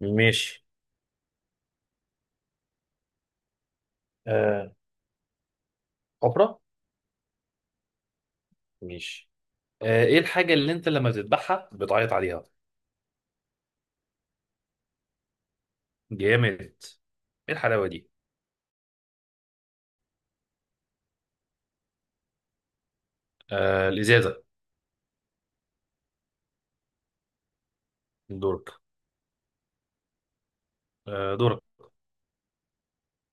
ماشي. آه، حفرة. ماشي. ايه الحاجة اللي انت لما بتذبحها بتعيط عليها؟ جامد. ايه الحلاوة دي؟ آه، الازازة. دورك. آه، دورك.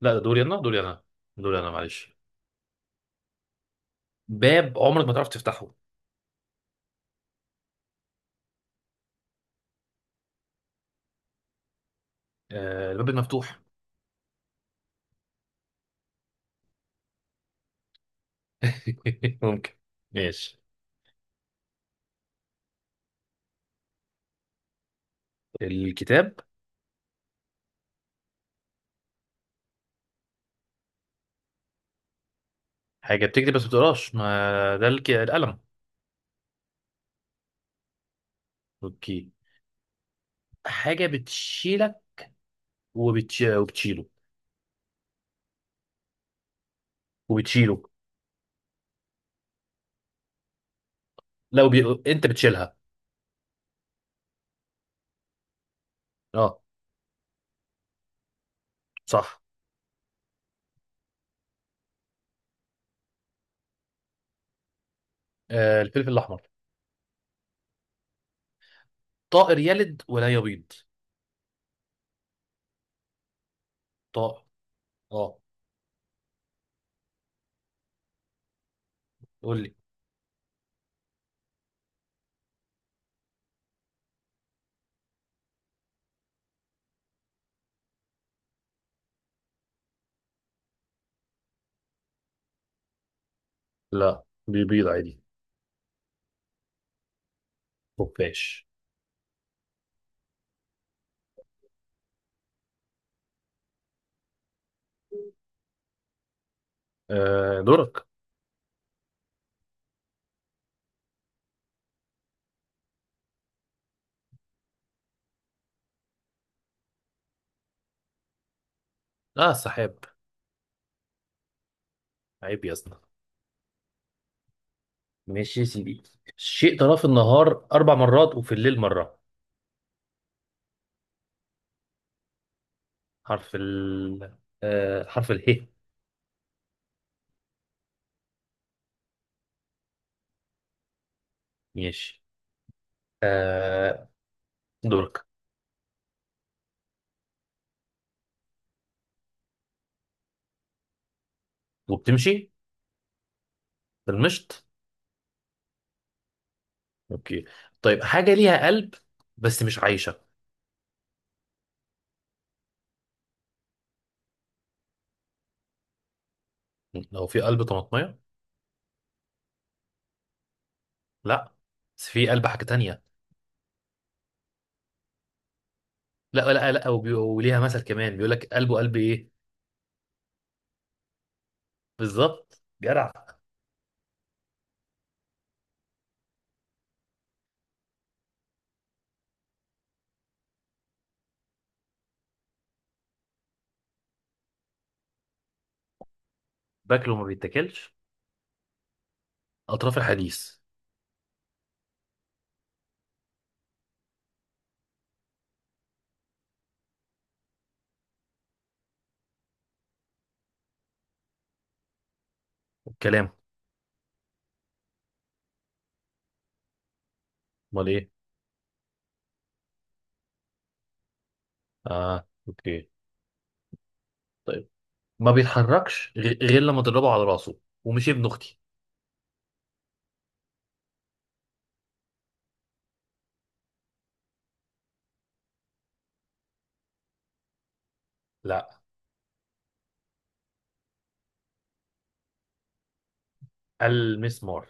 لا، ده دوري انا، معلش. باب عمرك ما تعرف تفتحه؟ آه، الباب المفتوح. ممكن. ماشي. الكتاب. حاجة بتكتب بس ما بتقراش، ما ده القلم. اوكي. حاجة بتشيلك وبتشيله. وبتشيله. لا، انت بتشيلها. اه، صح. آه، الفلفل الاحمر. طائر يلد ولا يبيض؟ طائر، اه. قول لي. لا، بيبيض عادي. خفاش. آه، دورك. لا، السحاب. عيب يا اسطى. ماشي يا سيدي. الشيء تراه في النهار أربع مرات وفي الليل مرة؟ حرف ال حرف اله. ماشي. آه، دورك. وبتمشي. في المشط. اوكي. طيب، حاجة ليها قلب بس مش عايشة؟ لو في قلب طماطمية؟ لا، بس في قلب حاجة تانية. لا لا لا، وليها مثل كمان بيقول لك قلبه قلب ايه. بالظبط، جدع. باكله ما بيتاكلش؟ اطراف الحديث. الكلام. امال ايه؟ اه، اوكي. طيب، ما بيتحركش غير لما تضربه على راسه، ومش ابن اختي. لا، المسمار.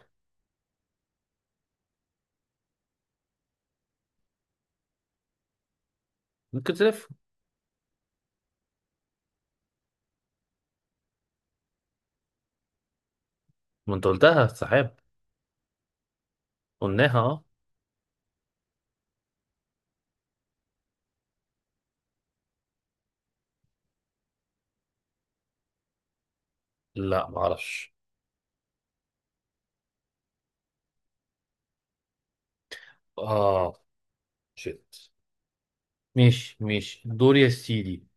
ممكن تلف. ما انت قلتها، السحاب. قلناها، اه. لا، ما اعرفش. اه، شيت. ماشي، ماشي، دور يا سيدي.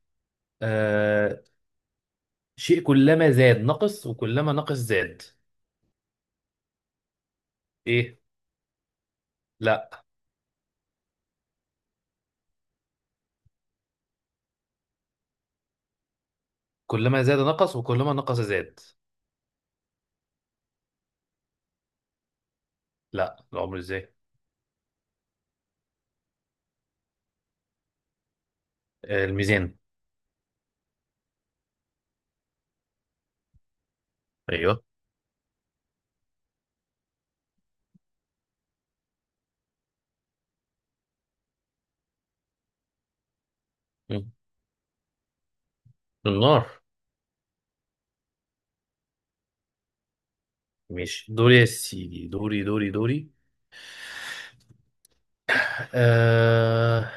آه شيء كلما زاد نقص وكلما نقص زاد؟ ايه؟ لا، كلما زاد نقص وكلما نقص زاد. لا، العمر ازاي؟ آه، الميزان. ايوه. مم. النار. ماشي، دوري يا سيدي، دوري دوري دوري. آه...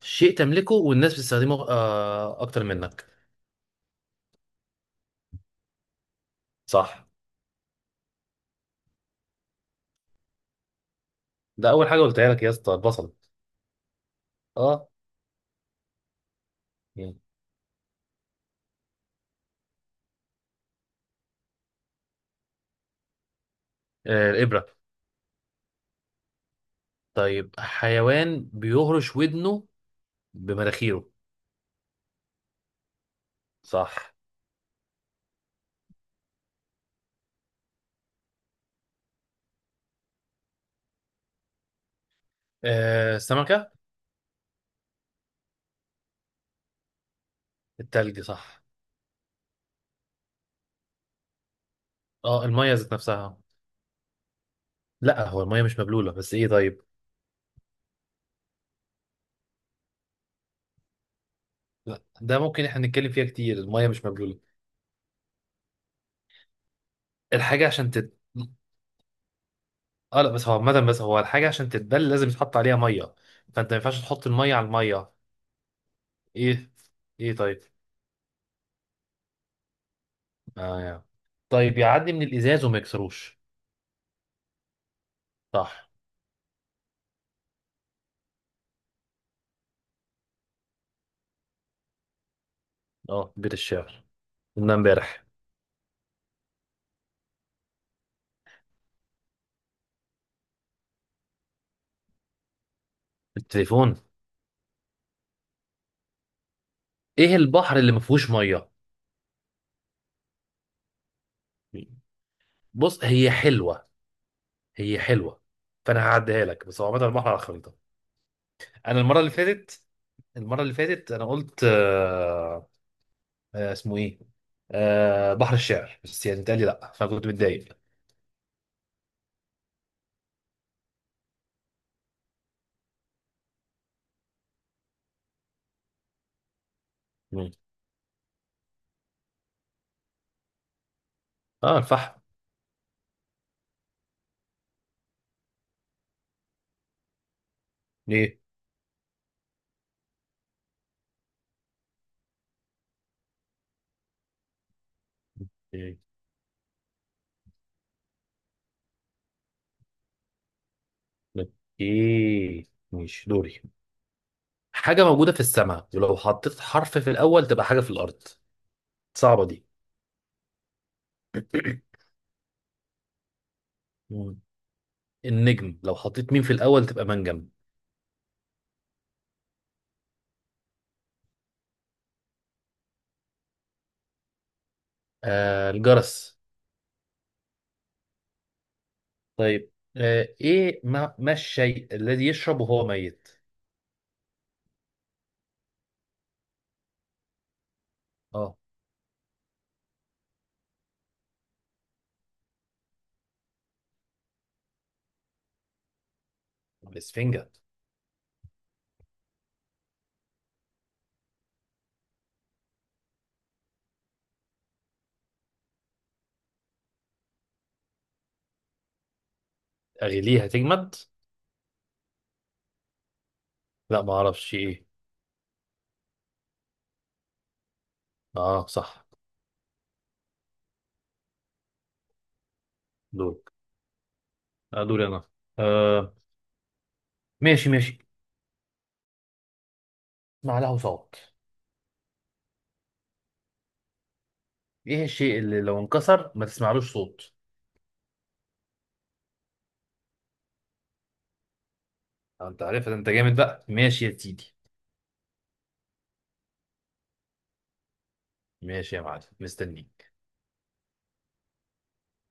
شيء تملكه والناس بتستخدمه اكتر منك؟ صح. ده اول حاجه قلتها لك يا اسطى، البصل. اه، يعني. آه، الابره. طيب، حيوان بيهرش ودنه بمناخيره؟ صح. آه، السمكه. التلج، صح. اه، الميه ذات نفسها. لا، هو الميه مش مبلوله، بس ايه طيب. لا، ده ممكن احنا نتكلم فيها كتير، الميه مش مبلوله. الحاجه عشان تت... اه، لا، بس هو عامة، بس هو الحاجة عشان تتبل لازم يتحط عليها مية. فانت ما ينفعش تحط المية على المية. ايه، ايه، طيب. آه، يعني. طيب، يعدي من الازاز وما يكسروش؟ صح. اه، بيت الشعر. قلنا امبارح. التليفون. ايه البحر اللي ما فيهوش مية؟ بص، هي حلوة، هي حلوة. فانا هعديها لك، بس هو عامة البحر على الخريطة. انا المرة اللي فاتت انا قلت آه. اسمه ايه؟ بحر الشعر، بس يعني اتقال لي لا، فانا كنت متضايق. مم. اه، الفحم. ليه؟ اوكي. اوكي، ماشي، دوري. حاجة موجودة في السماء ولو حطيت حرف في الأول تبقى حاجة في الأرض؟ صعبة دي. مم. النجم، لو حطيت مين في الأول تبقى منجم. آه، الجرس. طيب. إيه، ما الشيء الذي يشرب وهو ميت؟ اه، الإسفنجة. أغليها تجمد؟ لا، ما أعرفش إيه. اه، صح. دورك. آه، دوري أنا. آه، ماشي ماشي. ما له صوت إيه الشيء اللي لو انكسر ما تسمعلوش صوت؟ آه، انت عارف، انت جامد بقى، ماشي يا سيدي. ماشي يا معلم، مستنيك.